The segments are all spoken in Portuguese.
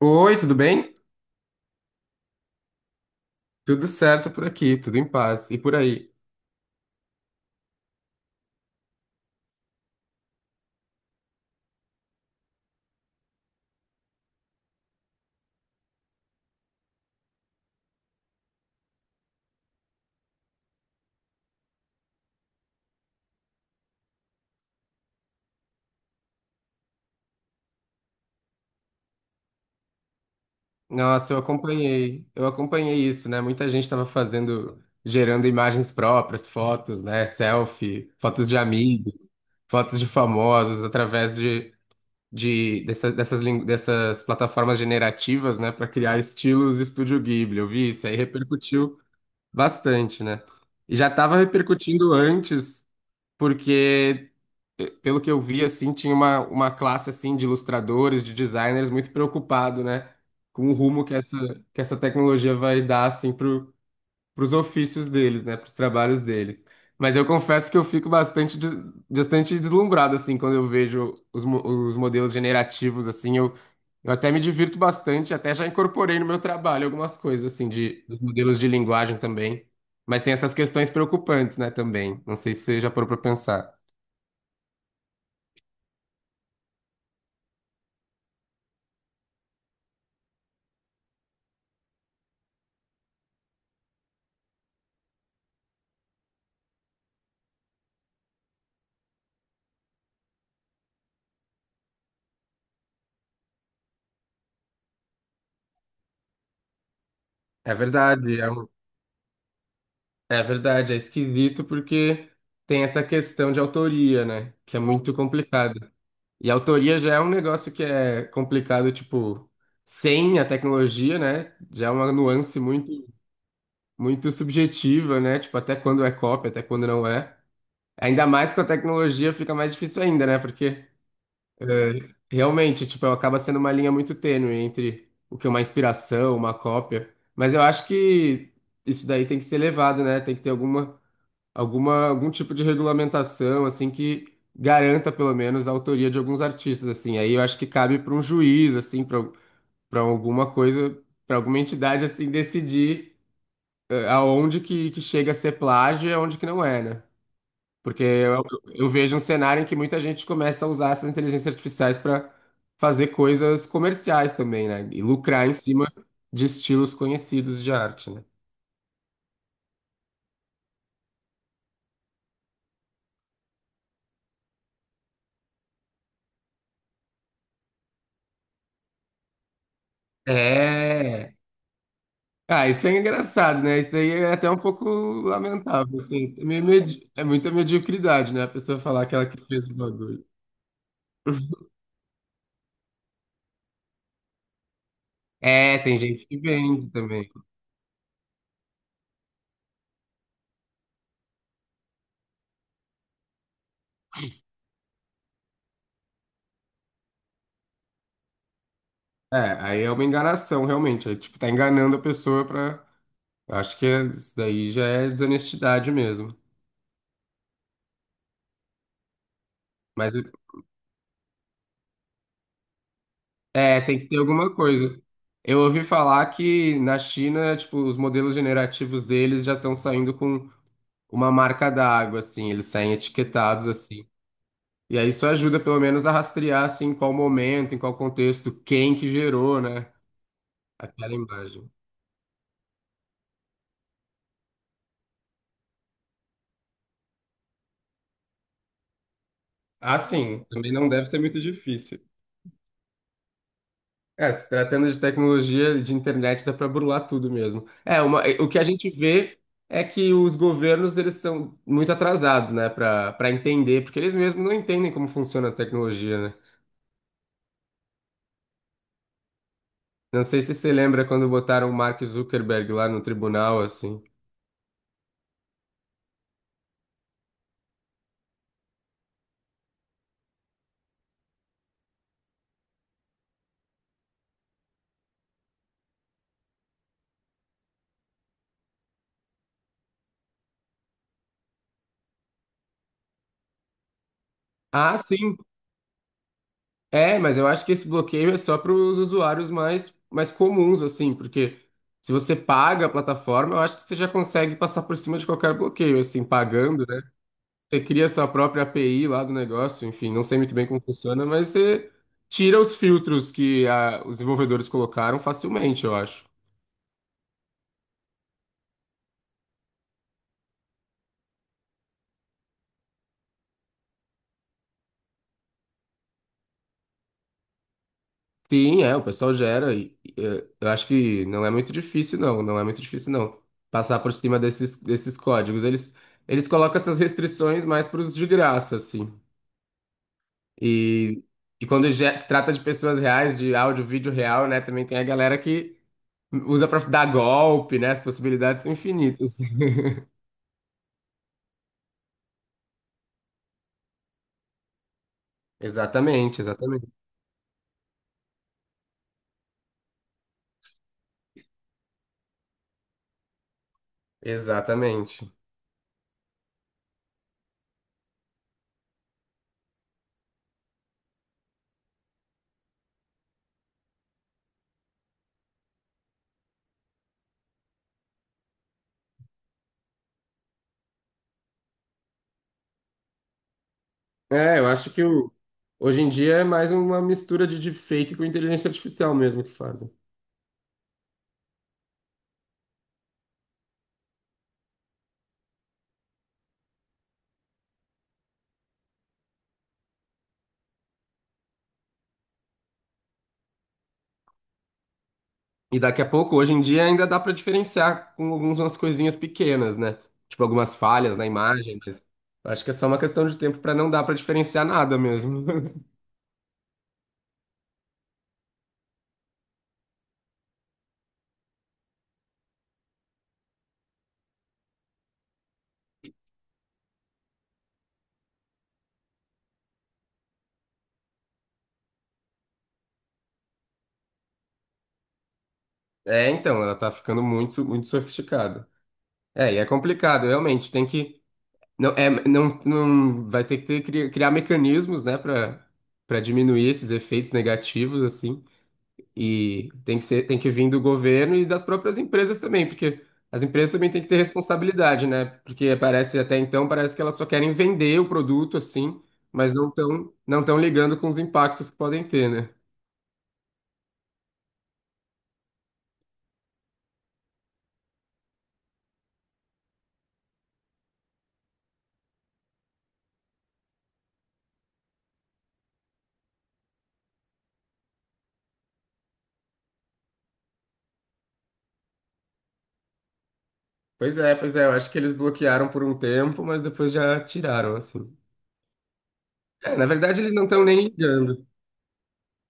Oi, tudo bem? Tudo certo por aqui, tudo em paz. E por aí? Nossa, eu acompanhei isso, né? Muita gente estava fazendo, gerando imagens próprias, fotos, né? Selfie, fotos de amigos, fotos de famosos, através de dessa- dessas, lin- dessas plataformas generativas, né? Para criar estilos Estúdio Ghibli. Eu vi isso aí, repercutiu bastante, né? E já estava repercutindo antes, porque pelo que eu vi, assim, tinha uma classe, assim, de ilustradores, de designers muito preocupado, né? Com o rumo que que essa tecnologia vai dar, assim, pros ofícios deles, né? Pros trabalhos deles. Mas eu confesso que eu fico bastante deslumbrado, assim, quando eu vejo os modelos generativos, assim, eu até me divirto bastante, até já incorporei no meu trabalho algumas coisas, assim, dos modelos de linguagem também. Mas tem essas questões preocupantes, né, também. Não sei se você já parou para pensar. É verdade, é, um- é verdade, é esquisito porque tem essa questão de autoria, né? Que é muito complicada. E a autoria já é um negócio que é complicado, tipo, sem a tecnologia, né? Já é uma nuance muito, muito subjetiva, né? Tipo, até quando é cópia, até quando não é. Ainda mais com a tecnologia fica mais difícil ainda, né? Porque é, realmente, tipo, acaba sendo uma linha muito tênue entre o que é uma inspiração, uma cópia. Mas eu acho que isso daí tem que ser levado, né? Tem que ter algum tipo de regulamentação, assim, que garanta pelo menos a autoria de alguns artistas, assim. Aí eu acho que cabe para um juiz, assim, para alguma coisa, para alguma entidade, assim, decidir aonde que chega a ser plágio e aonde que não é, né? Porque eu, eu vejo um cenário em que muita gente começa a usar essas inteligências artificiais para fazer coisas comerciais também, né? E lucrar em cima de estilos conhecidos de arte, né? É. Ah, isso é engraçado, né? Isso daí é até um pouco lamentável, assim. É muita mediocridade, né? A pessoa falar que ela que fez o bagulho. É, tem gente que vende também. É, aí é uma enganação, realmente. Aí, tipo, tá enganando a pessoa pra. Eu Acho que é- isso daí já é desonestidade mesmo. Mas é, tem que ter alguma coisa. Eu ouvi falar que na China, tipo, os modelos generativos deles já estão saindo com uma marca d'água, assim, eles saem etiquetados assim. E aí isso ajuda pelo menos a rastrear assim em qual momento, em qual contexto, quem que gerou, né, aquela imagem. Ah, sim, também não deve ser muito difícil. É, se tratando de tecnologia de internet, dá para burlar tudo mesmo. O que a gente vê é que os governos eles são muito atrasados, né, para entender, porque eles mesmos não entendem como funciona a tecnologia, né? Não sei se você lembra quando botaram o Mark Zuckerberg lá no tribunal, assim. Ah, sim. É, mas eu acho que esse bloqueio é só para os usuários mais comuns, assim, porque se você paga a plataforma, eu acho que você já consegue passar por cima de qualquer bloqueio, assim, pagando, né? Você cria sua própria API lá do negócio, enfim, não sei muito bem como funciona, mas você tira os filtros que ah, os desenvolvedores colocaram facilmente, eu acho. Sim, é, o pessoal gera eu acho que não é muito difícil, não, passar por cima desses códigos. Eles colocam essas restrições mais para os de graça, assim. E, e quando já se trata de pessoas reais, de áudio, vídeo real, né, também tem a galera que usa para dar golpe, né, as possibilidades são infinitas. Exatamente, exatamente. Exatamente. É, eu acho que hoje em dia é mais uma mistura de deepfake com inteligência artificial mesmo que fazem. E daqui a pouco, hoje em dia, ainda dá pra diferenciar com algumas coisinhas pequenas, né? Tipo algumas falhas na imagem, mas acho que é só uma questão de tempo pra não dar pra diferenciar nada mesmo. É, então, ela tá ficando muito, muito sofisticada. É, e é complicado, realmente, tem que não é não, não vai ter que ter- criar, criar mecanismos, né, pra para diminuir esses efeitos negativos assim. E tem que vir do governo e das próprias empresas também, porque as empresas também têm que ter responsabilidade, né? Porque parece até então, parece que elas só querem vender o produto assim, mas não tão ligando com os impactos que podem ter, né? Pois é, eu acho que eles bloquearam por um tempo, mas depois já tiraram, assim. É, na verdade, eles não estão nem ligando.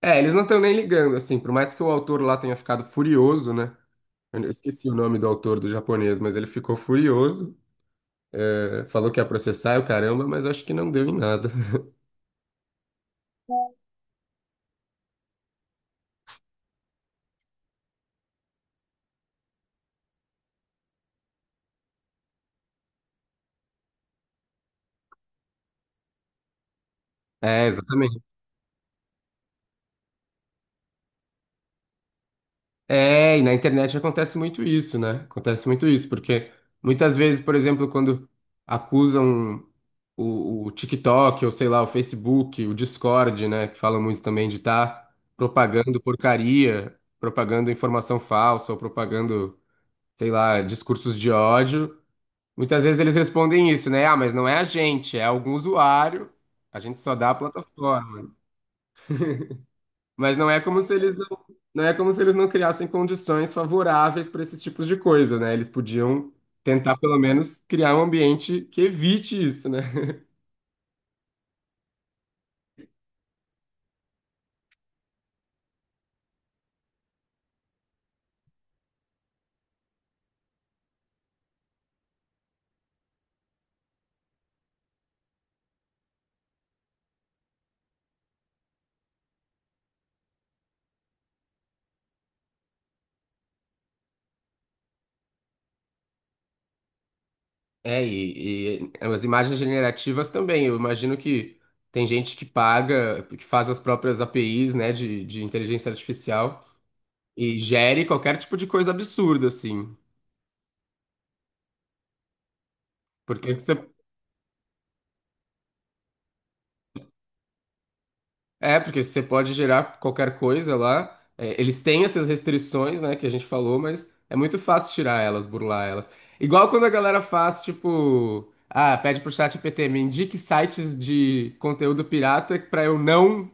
É, eles não estão nem ligando, assim, por mais que o autor lá tenha ficado furioso, né? Eu esqueci o nome do autor do japonês, mas ele ficou furioso. Falou que ia processar, eu caramba, mas acho que não deu em nada. É, exatamente. É, na internet acontece muito isso, né? Acontece muito isso, porque muitas vezes, por exemplo, quando acusam o TikTok, ou sei lá, o Facebook, o Discord, né, que falam muito também de estar propagando porcaria, propagando informação falsa, ou propagando, sei lá, discursos de ódio, muitas vezes eles respondem isso, né? Ah, mas não é a gente, é algum usuário, a gente só dá a plataforma. Mas não é como se eles não criassem condições favoráveis para esses tipos de coisa, né? Eles podiam tentar pelo menos criar um ambiente que evite isso, né? É, e as imagens generativas também. Eu imagino que tem gente que paga, que faz as próprias APIs, né, de inteligência artificial e gere qualquer tipo de coisa absurda, assim. Porque você É, porque você pode gerar qualquer coisa lá. É, eles têm essas restrições, né, que a gente falou, mas é muito fácil tirar elas, burlar elas. Igual quando a galera faz, tipo, ah, pede pro chat GPT me indique sites de conteúdo pirata pra eu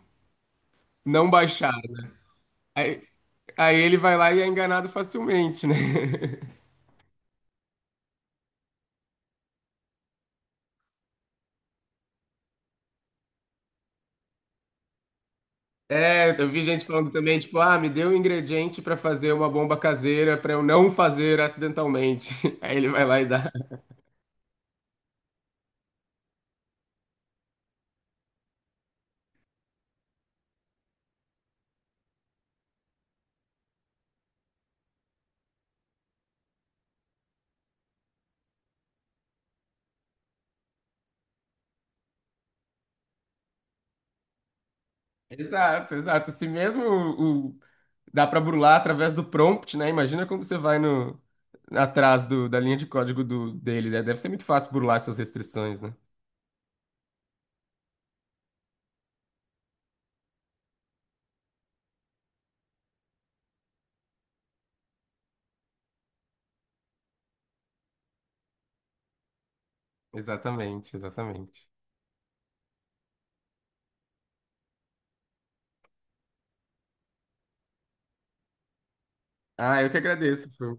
não baixar. Aí, aí ele vai lá e é enganado facilmente, né? É, eu vi gente falando também, tipo, ah, me deu um ingrediente pra fazer uma bomba caseira pra eu não fazer acidentalmente. Aí ele vai lá e dá. Exato, exato. Se mesmo o Dá para burlar através do prompt, né? Imagina quando você vai no atrás da linha de código dele, né? Deve ser muito fácil burlar essas restrições, né? Exatamente, exatamente. Ah, eu que agradeço.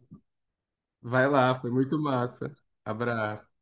Vai lá, foi muito massa. Abraço.